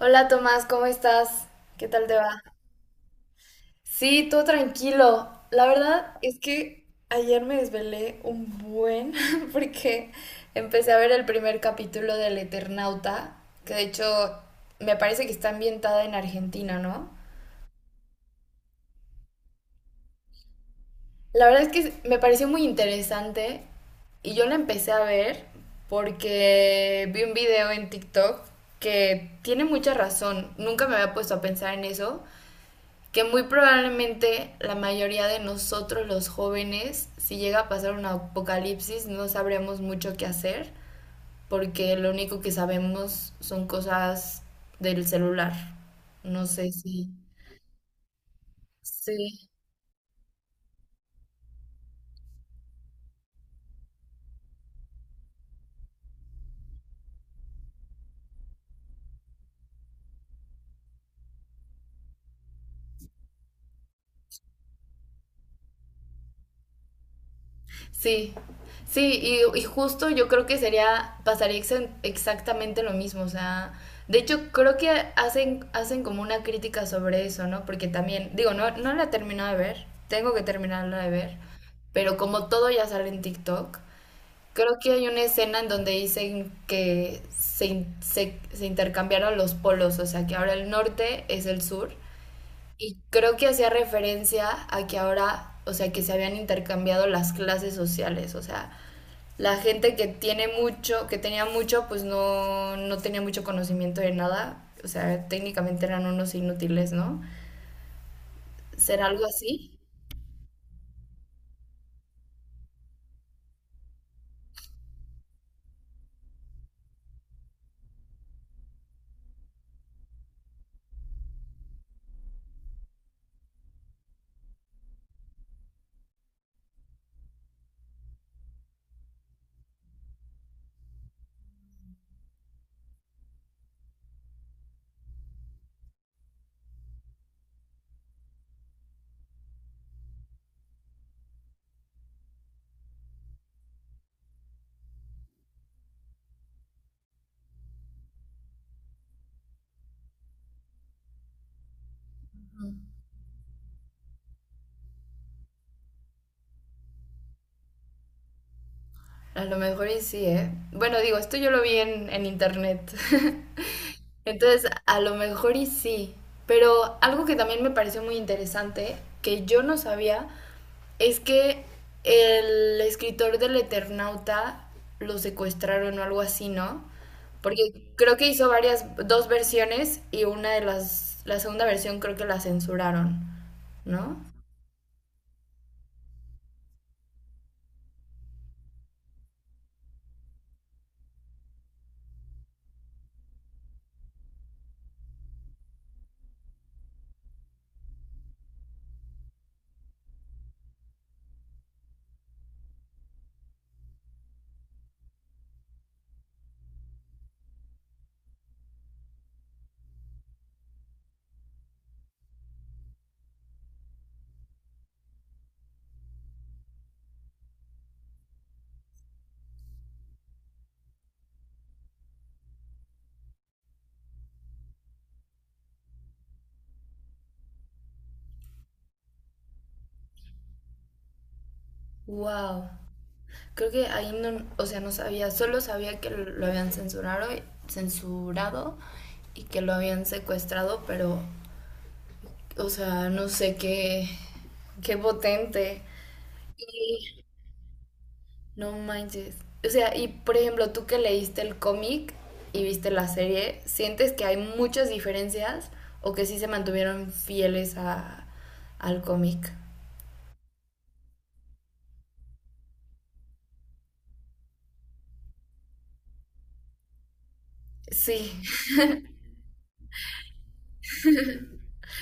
Hola Tomás, ¿cómo estás? ¿Qué tal te va? Sí, todo tranquilo. La verdad es que ayer me desvelé un buen porque empecé a ver el primer capítulo del Eternauta, que de hecho me parece que está ambientada en Argentina, ¿no? La verdad es que me pareció muy interesante y yo la empecé a ver porque vi un video en TikTok que tiene mucha razón. Nunca me había puesto a pensar en eso, que muy probablemente la mayoría de nosotros los jóvenes, si llega a pasar un apocalipsis, no sabríamos mucho qué hacer, porque lo único que sabemos son cosas del celular. No sé si... Sí. Sí, sí, y justo yo creo que sería, pasaría exactamente lo mismo, o sea, de hecho creo que hacen como una crítica sobre eso, ¿no? Porque también, digo, no la he terminado de ver, tengo que terminarla de ver, pero como todo ya sale en TikTok, creo que hay una escena en donde dicen que se intercambiaron los polos, o sea, que ahora el norte es el sur y creo que hacía referencia a que ahora, o sea, que se habían intercambiado las clases sociales, o sea, la gente que tiene mucho, que tenía mucho, pues no tenía mucho conocimiento de nada, o sea, técnicamente eran unos inútiles, ¿no? ¿Será algo así? A lo mejor y sí, ¿eh? Bueno, digo, esto yo lo vi en internet. Entonces, a lo mejor y sí. Pero algo que también me pareció muy interesante, que yo no sabía, es que el escritor del Eternauta lo secuestraron o algo así, ¿no? Porque creo que hizo varias, dos versiones y una de la segunda versión creo que la censuraron, ¿no? Wow. Creo que ahí no, o sea, no sabía, solo sabía que lo habían censurado, censurado y que lo habían secuestrado, pero, o sea, no sé qué, qué potente. No manches. O sea, y por ejemplo, tú que leíste el cómic y viste la serie, ¿sientes que hay muchas diferencias o que sí se mantuvieron fieles al cómic? Sí,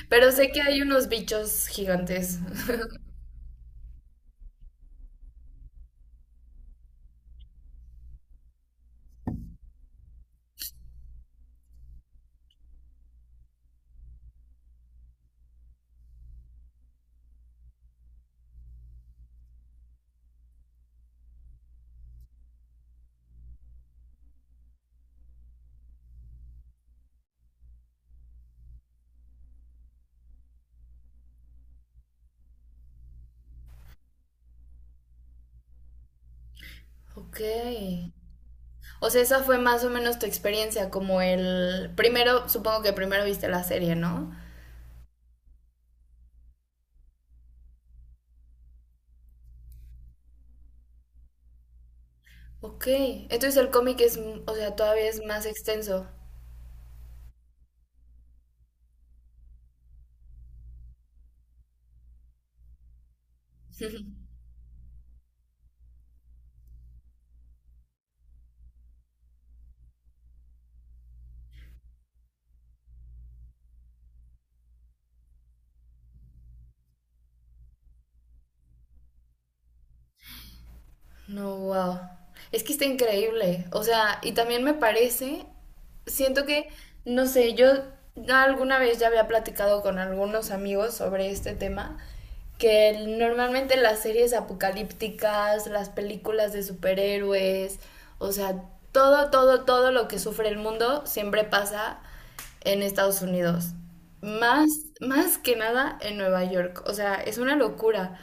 pero sé que hay unos bichos gigantes. Ok. O sea, esa fue más o menos tu experiencia, como el... Primero, supongo que primero viste la serie, ¿no? Ok. Entonces el cómic es, o sea, todavía es más extenso. No, wow. Es que está increíble. O sea, y también me parece, siento que, no sé, yo alguna vez ya había platicado con algunos amigos sobre este tema, que normalmente las series apocalípticas, las películas de superhéroes, o sea, todo lo que sufre el mundo siempre pasa en Estados Unidos. Más, más que nada en Nueva York. O sea, es una locura.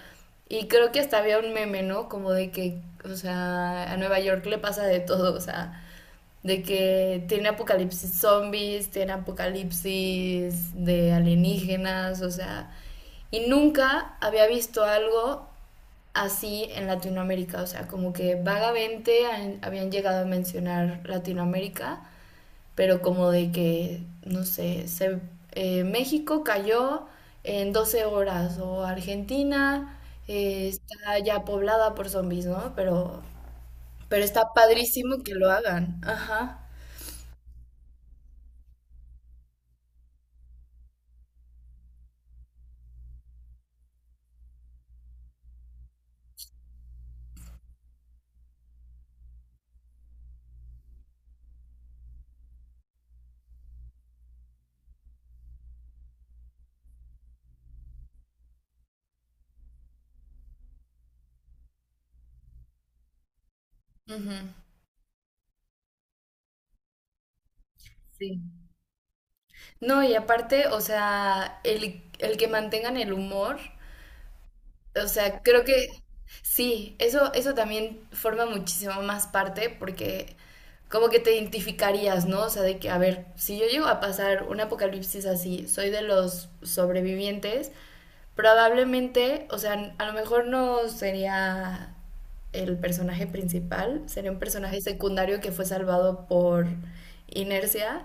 Y creo que hasta había un meme, ¿no? Como de que, o sea, a Nueva York le pasa de todo, o sea, de que tiene apocalipsis zombies, tiene apocalipsis de alienígenas, o sea, y nunca había visto algo así en Latinoamérica, o sea, como que vagamente habían llegado a mencionar Latinoamérica, pero como de que, no sé, se, México cayó en 12 horas o Argentina está ya poblada por zombies, ¿no? Pero está padrísimo que lo hagan. Ajá. Ujú. Sí. No, y aparte, o sea, el que mantengan el humor. O sea, creo que sí, eso también forma muchísimo más parte porque como que te identificarías, ¿no? O sea, de que, a ver, si yo llego a pasar un apocalipsis así, soy de los sobrevivientes, probablemente, o sea, a lo mejor no sería el personaje principal, sería un personaje secundario que fue salvado por inercia,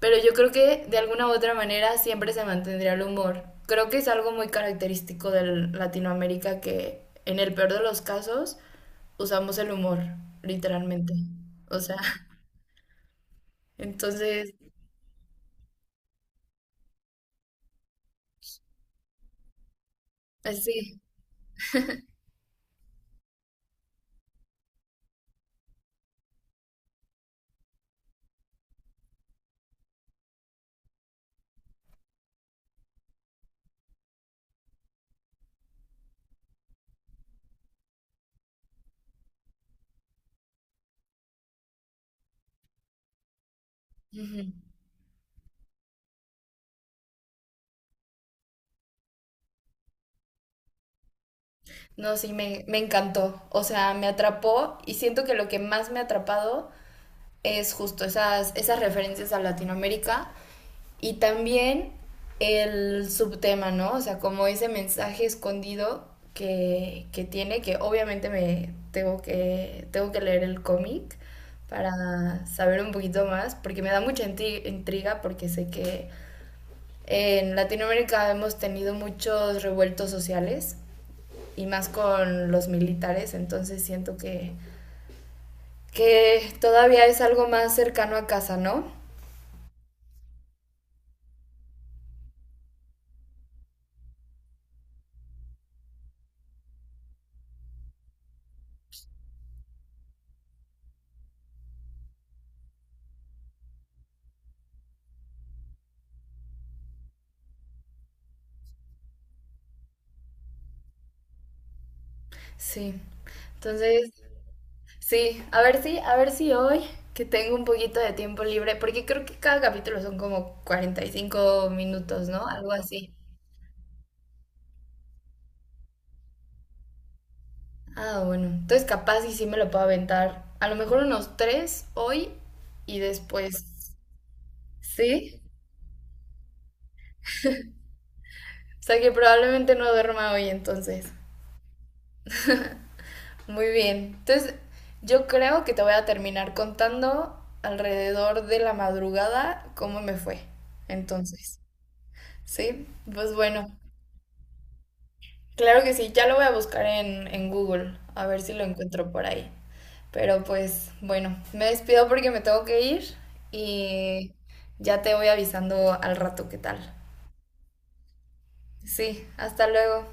pero yo creo que de alguna u otra manera siempre se mantendría el humor. Creo que es algo muy característico de Latinoamérica que en el peor de los casos usamos el humor, literalmente. O sea, entonces, así. Ujú. No, sí, me encantó. O sea, me atrapó y siento que lo que más me ha atrapado es justo esas referencias a Latinoamérica y también el subtema, ¿no? O sea, como ese mensaje escondido que tiene, que obviamente me tengo tengo que leer el cómic para saber un poquito más, porque me da mucha intriga, porque sé que en Latinoamérica hemos tenido muchos revueltos sociales y más con los militares, entonces siento que todavía es algo más cercano a casa, ¿no? Sí. Entonces, sí, a ver si hoy que tengo un poquito de tiempo libre, porque creo que cada capítulo son como 45 minutos, ¿no? Algo así. Ah, bueno. Entonces capaz y sí me lo puedo aventar. A lo mejor unos tres hoy y después. ¿Sí? O sea que probablemente no duerma hoy entonces. Muy bien. Entonces yo creo que te voy a terminar contando alrededor de la madrugada cómo me fue. Entonces. ¿Sí? Pues bueno. Claro que sí, ya lo voy a buscar en Google, a ver si lo encuentro por ahí. Pero pues bueno, me despido porque me tengo que ir y ya te voy avisando al rato qué tal. Sí, hasta luego.